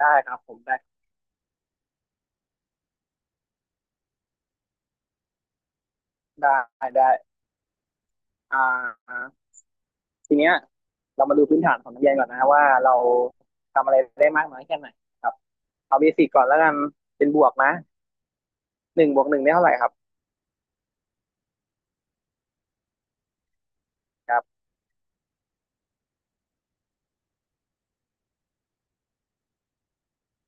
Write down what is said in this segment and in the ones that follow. ได้ครับผมได้ได้ได้อ่าทีเนี้ยเรามาดูพื้นฐานของนักเรียนก่อนนะว่าเราทำอะไรได้มากน้อยแค่ไหนครับเอาเบสิกก่อนแล้วกันเป็นบวกนะหนึ่งบวกหนึ่งได้เท่าไหร่ครับครับ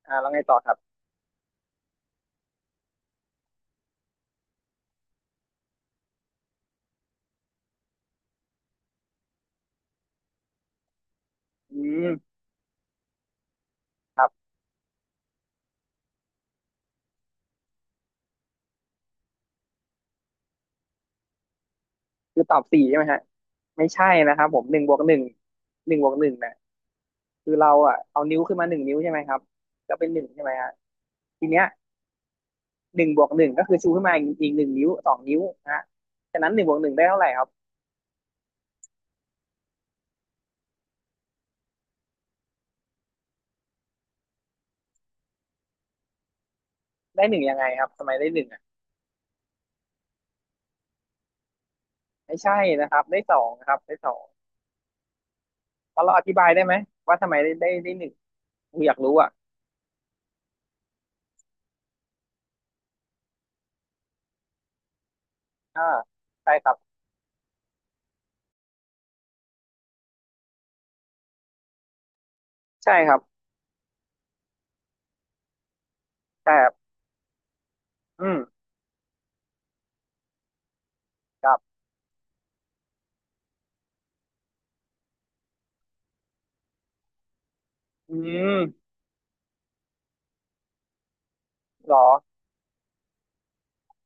แล้วไงต่อครับอืมครับคือตอบสี่ใช่ไหมฮะไม่ใช่นะครับผมหนึ่งบวกหนึ่งเนี่ยคือเราอ่ะเอานิ้วขึ้นมาหนึ่งนิ้วใช่ไหมครับก็เป็นหนึ่งใช่ไหมฮะทีเนี้ยหนึ่งบวกหนึ่งก็คือชูขึ้นมาอีกหนึ่งนิ้วสองนิ้วนะฮะฉะนั้นหนึ่งบวกหนึ่งได้เท่าไหร่ครับได้หนึ่งยังไงครับทำไมได้หนึ่ง ไม่ใช่นะครับได้สองนะครับได้สองพอเราอธิบายได้ไหมว่าทำไมได้หนึ่งอยากรู้อ่ะอ่าใช่ครับใช่ครับแต่อืมครับอืมหรอ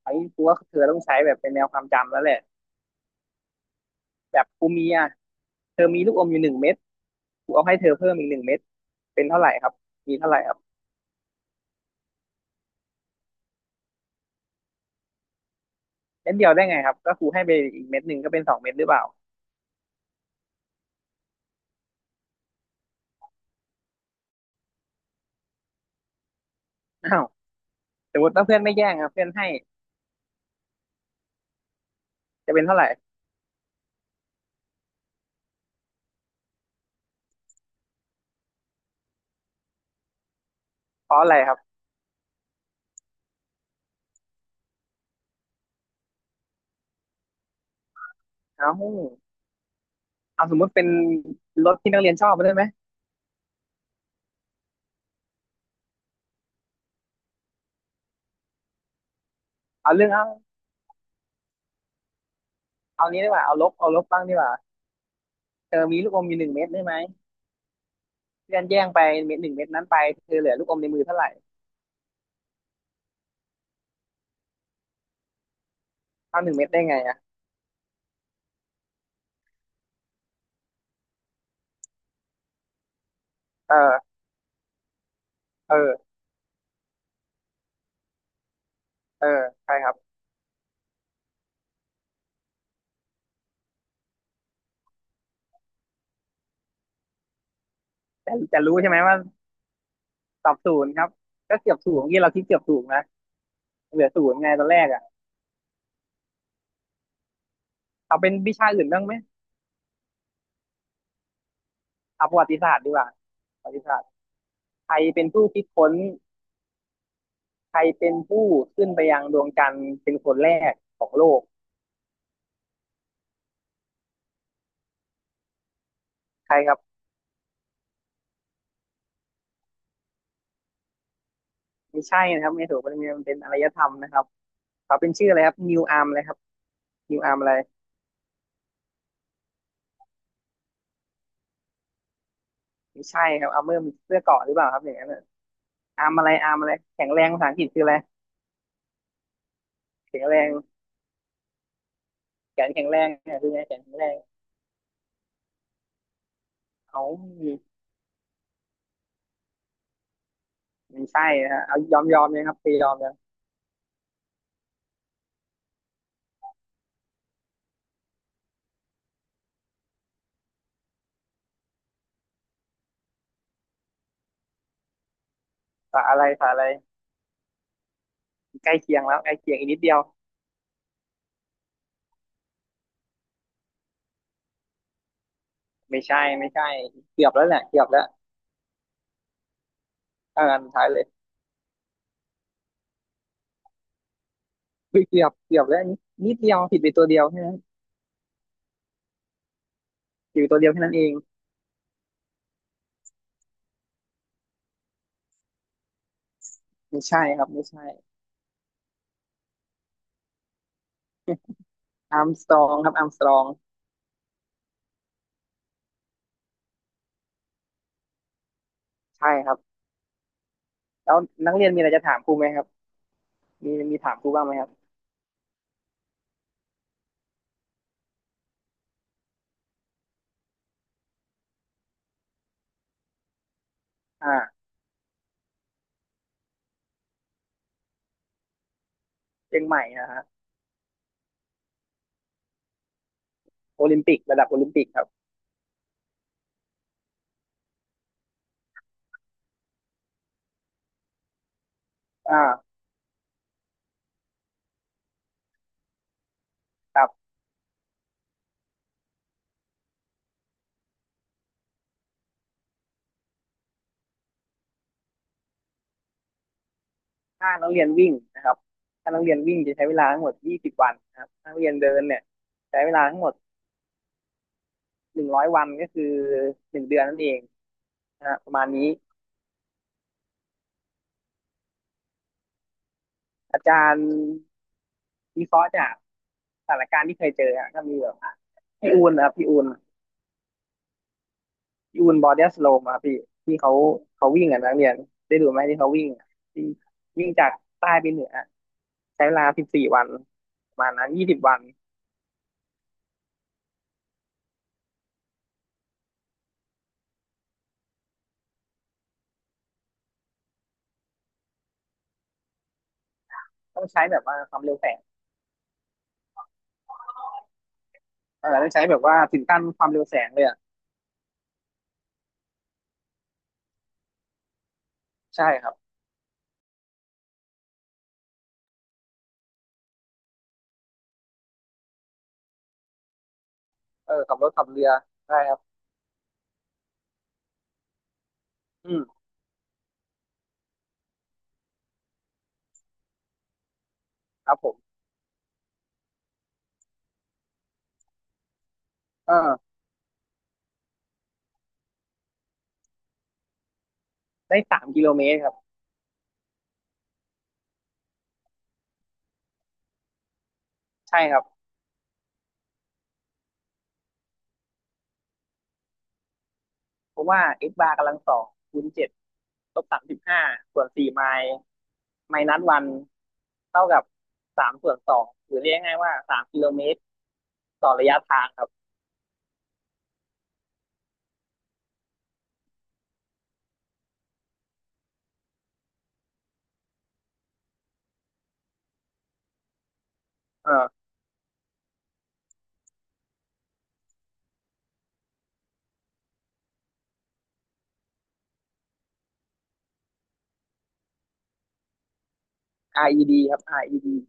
ไอ้กูว่าเธอต้องใช้แบบเป็นแนวความจำแล้วแหละแบบกูมีอ่ะเธอมีลูกอมอยู่หนึ่งเม็ดกูเอาให้เธอเพิ่มอีกหนึ่งเม็ดเป็นเท่าไหร่ครับมีเท่าไหร่ครับเม็ดเดียวได้ไงครับก็ครูให้ไปอีกเม็ดหนึ่งก็เป็นสองเม็ดหรือเปล่าอ้าวสมมติถ้าเพื่อนไม่แย่งอ่ะเพื่อนให้จะเป็นเท่าไหร่เพราะอะไรครับเอาเอาสมมุติเป็นรถที่นักเรียนชอบมาได้ไหมเอาเรื่อง เอานี้ดีกว่าเอาลบบ้างดีกว่าเธอมีลูกอมอยู่หนึ่งเม็ดได้ไหมเพื่อนแย่งไปเม็ดหนึ่งเม็ดนั้นไปเธอเหลือลูกอมในมือเท่าไหร่เท่าหนึ่งเม็ดได้ไงอ่ะเออ เออ เออใช่ครับแต่จะรู้ใช่ไหมว่าตอบศูนย์ครับก็เกือบศูนย์ที่อกี้เราคิดเกือบศูนย์นะเหลือศูนย์ไงตอนแรกอ่ะเอาเป็นวิชาอื่นบ้างไหมเอาประวัติศาสตร์ดีกว่าประวัติศาสตร์ใครเป็นผู้คิดค้นใครเป็นผู้ขึ้นไปยังดวงจันทร์เป็นคนแรกของโลกใครครับไม่ใช่นะครับไม่ถูกมันเป็นอารยธรรมนะครับเขาเป็นชื่ออะไรครับนิวอาร์มเลยครับนิวอาร์มอะไร ไม่ใช่ครับอาร์เมอร์มันเสื้อเกราะหรือเปล่าครับอย่างนั้นน่ะอาร์มอะไรแข็งแรงภาษาอังกฤษคืออะไรแข็งแรงแขนแข็งแรงเนี่ยคือไงแขนแข็งแรงเอาไม่ใช่นะฮะเอายอมเลยครับตียอมเลยภาษาอะไรใกล้เคียงแล้วใกล้เคียงอีกนิดเดียวไม่ใช่เกือบแล้วแหละเกือบแล้วเอาอันสุดท้ายเลยเฮ้ยเกือบแล้วอันนี้นิดเดียวผิดไปตัวเดียวแค่นั้นผิดไปตัวเดียวแค่นั้นเองไม่ใช่ครับไม่ใช่อาร์มสตรองครับอาร์มสตรองใช่ครับแล้วนักเรียนมีอะไรจะถามครูไหมครับมีมีถามครูบ้างไหมครับอ่าเชียงใหม่นะฮะ โอลิมปิกระดับโอลิมปิกครับอ่ากับถ้านักเรียนวิ่งนะครับถ้านักเรียนวิ่งจะใช้เวลาทั้งหมด 20 วันนะครับถ้านักเรียนเดินเนี่ยใช้เวลาทั้งหมด 100 วันก็คือหนึ่งเดือนนั่นเองนะฮะประมาณนี้อาจารย์วิเคราะห์จากสถานการณ์ที่เคยเจออะก็มีแบบพี่อูนนะครับพี่อูนบอดี้สโลมครับพี่ที่เขาวิ่งอ่ะนักเรียนได้ดูไหมที่เขาวิ่งอะที่วิ่งจากใต้ไปเหนือใช้เวลา14วันประมาณนั้น20วันต้องใช้แบบว่าความเร็วแฝ เออได้ใช้แบบว่าถึงขั้นความเร็วแสงเลยอ่ะใช่ครับเออขับรถขับเรือได้ครับอืมครับผมเออได้สามกิโลเมตรครับใช่ครับเพราะว่าเอ a r บาร์กำลังสองคูณเจ็ดลบ35ส่วนสี่ไมล์ไมล์นัดวันเท่ากับสามส่วนสองหรือเรียกง่ายๆว่าสามกิโลเมตรต่อระยะทางครับเออ RED ครับ RED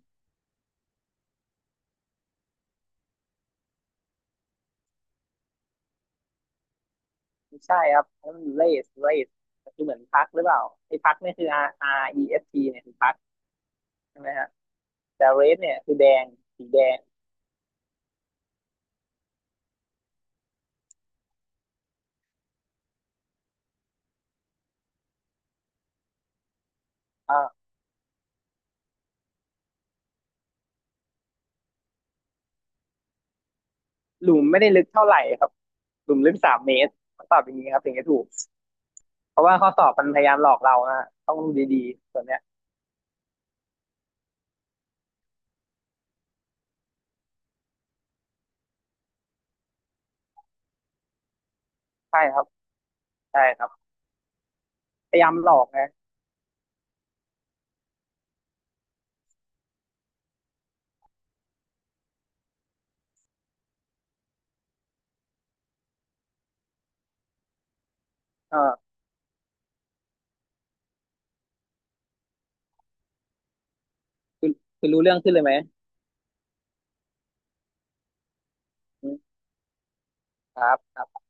ไม่ใช่ครับนั่นมัน race คือเหมือนพักหรือเปล่าไอ้พักเนี่ยคือ R R E S ีเอสทีเนี่ยคือพักใช่ไหมฮะแต่ race เนี่ยคือแดงสีแดงอ่า หลุมไม่ได้ลึกเท่าไหร่ครับหลุมลึกสามเมตรคำตอบอย่างนี้ครับถึงจะถูกเพราะว่าข้อสอบมันพยายามหลอกเรานะต้องดูดีๆส่วนเนี้ยใช่ครับใช่ครับพยายามหลอกนะเออคือคือรู้เรื่องขึ้นเลยไหมมครับครับ